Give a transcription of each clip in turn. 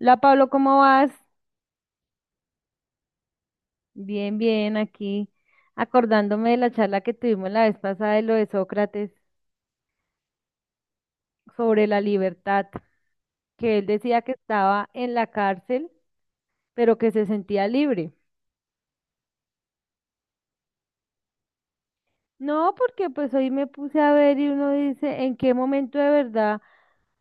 Hola Pablo, ¿cómo vas? Bien, bien, aquí acordándome de la charla que tuvimos la vez pasada de lo de Sócrates sobre la libertad, que él decía que estaba en la cárcel, pero que se sentía libre. No, porque pues hoy me puse a ver y uno dice, ¿en qué momento de verdad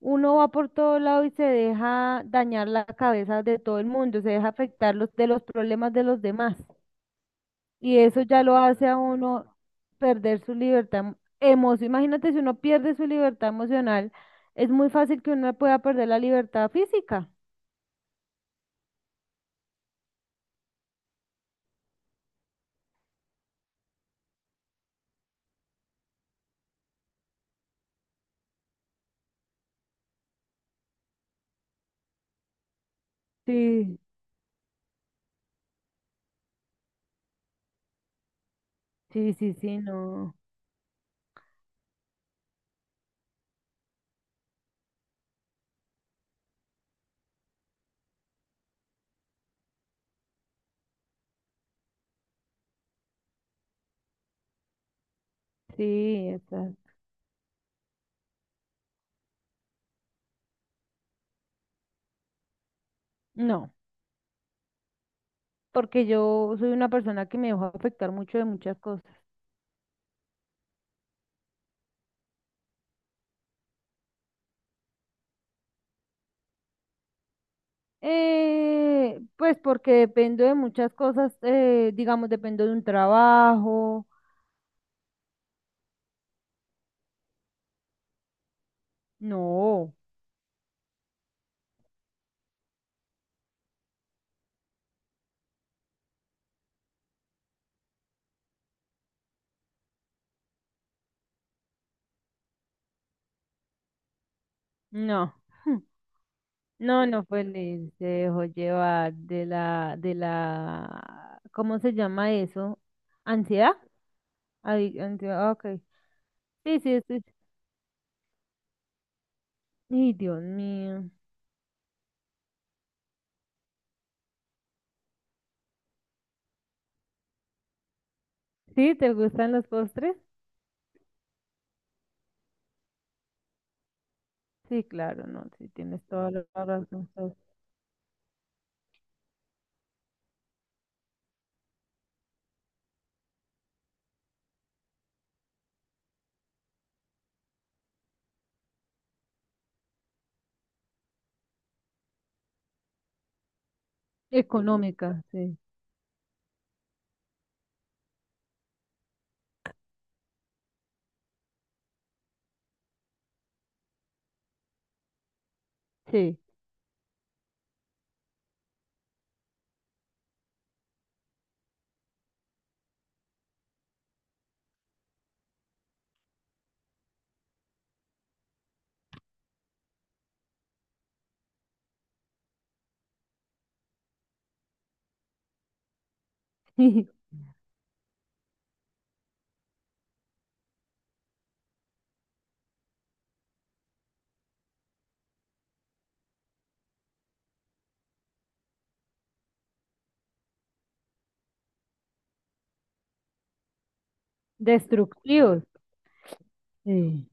uno va por todo lado y se deja dañar la cabeza de todo el mundo, se deja afectar los, de los problemas de los demás? Y eso ya lo hace a uno perder su libertad emocional. Imagínate si uno pierde su libertad emocional, es muy fácil que uno pueda perder la libertad física. Sí, sí, sí, sí, no. Sí, esa- No, porque yo soy una persona que me dejo afectar mucho de muchas cosas. Pues porque dependo de muchas cosas, digamos, dependo de un trabajo. No, no. No, no fue Lil, se dejó llevar de la, ¿cómo se llama eso? ¿Ansiedad? Ay, ansiedad, ok. Sí, sí, sí. Ay, Dios mío. ¿Sí? ¿Te gustan los postres? Sí, claro, no, sí, tienes toda la razón. Económica, sí, sí. Destructivos, sí.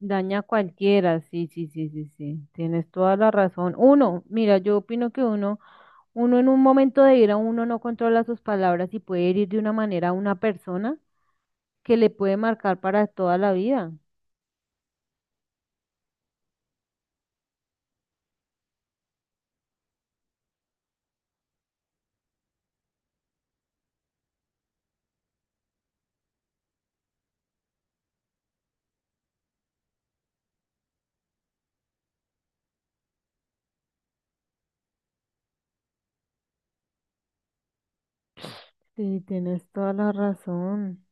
Daña a cualquiera, sí, sí, sí, sí, sí. Tienes toda la razón. Uno, mira, yo opino que uno en un momento de ira, uno no controla sus palabras y puede herir de una manera a una persona que le puede marcar para toda la vida. Sí, tienes toda la razón.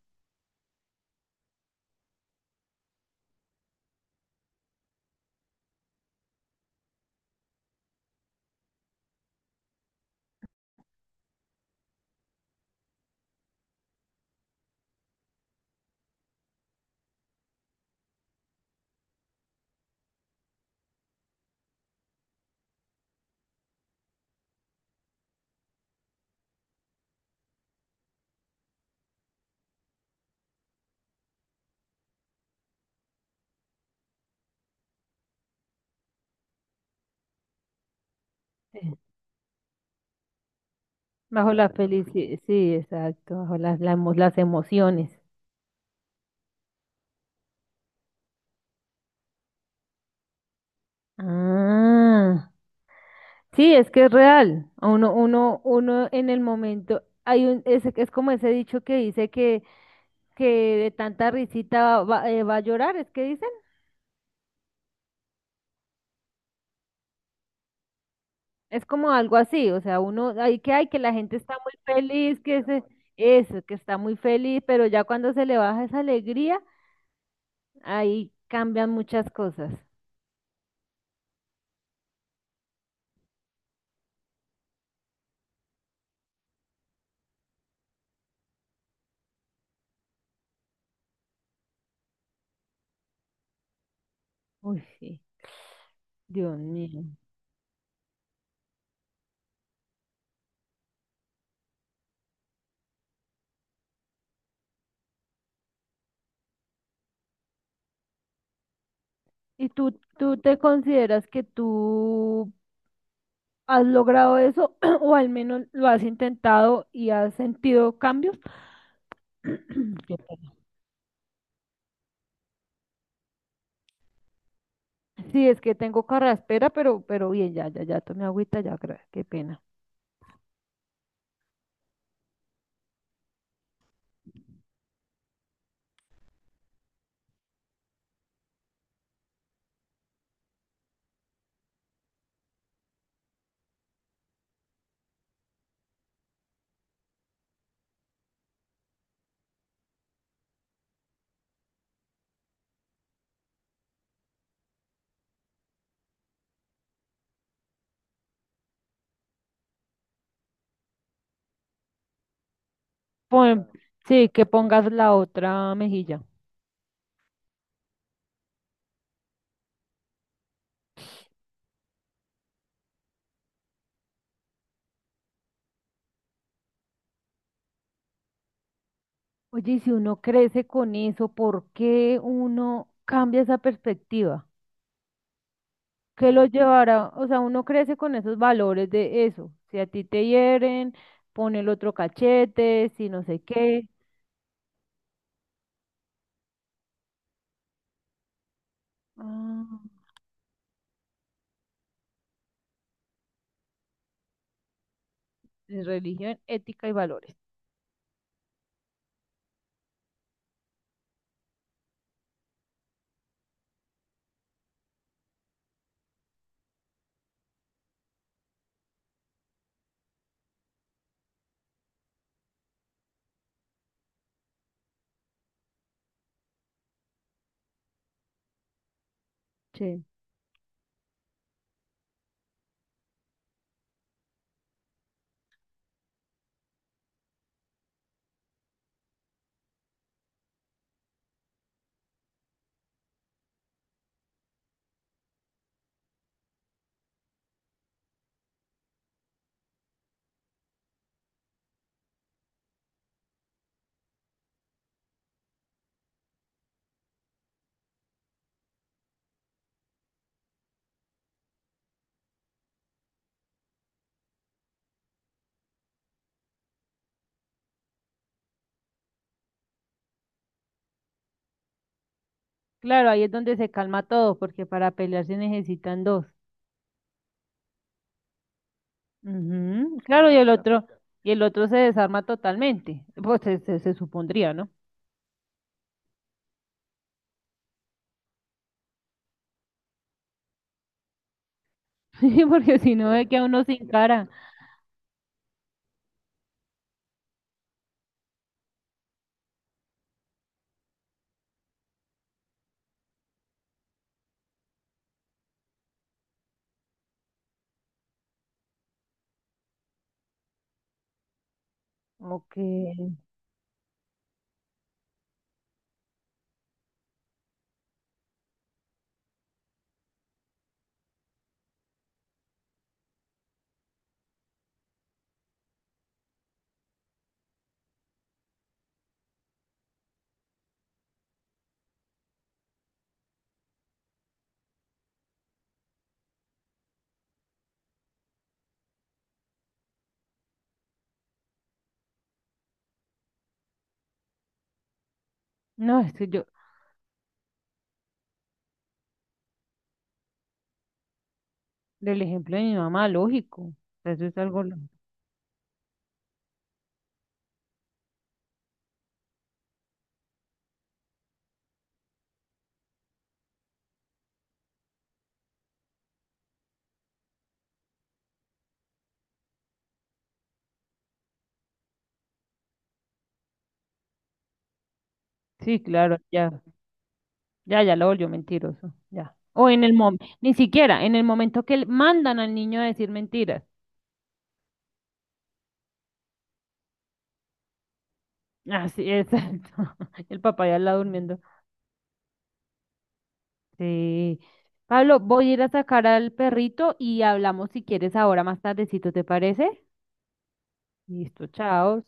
Sí. Bajo la felicidad, sí, exacto, bajo las emociones. Ah, sí, es que es real. Uno en el momento, es como ese dicho que dice que de tanta risita va a llorar, es que es como algo así, o sea, uno, ahí que hay que la gente está muy feliz, que está muy feliz, pero ya cuando se le baja esa alegría, ahí cambian muchas cosas. Uy, sí, Dios mío. ¿Y tú te consideras que tú has logrado eso o al menos lo has intentado y has sentido cambios? Qué pena. Sí, es que tengo carraspera, pero bien, ya, ya, ya tomé agüita, ya, qué pena. Pon- sí, que pongas la otra mejilla. Oye, y si uno crece con eso, ¿por qué uno cambia esa perspectiva? ¿Qué lo llevará? O sea, uno crece con esos valores de eso. Si a ti te hieren, pone el otro cachete, si no sé qué. Ah, en religión, ética y valores. Sí. Claro, ahí es donde se calma todo, porque para pelear se necesitan dos. Ujú, claro, y otro, y el otro se desarma totalmente. Pues se supondría, ¿no? Sí, porque si no, es que a uno sin cara. Ok. No, es que yo, del ejemplo de mi mamá, lógico. Eso es algo. Sí, claro, ya lo volvió mentiroso. Ya. O en el momento, ni siquiera, en el momento mandan al niño a decir mentiras. Así es. El papá ya está durmiendo. Sí. Pablo, voy a ir a sacar al perrito y hablamos si quieres ahora más tardecito, ¿te parece? Listo, chao.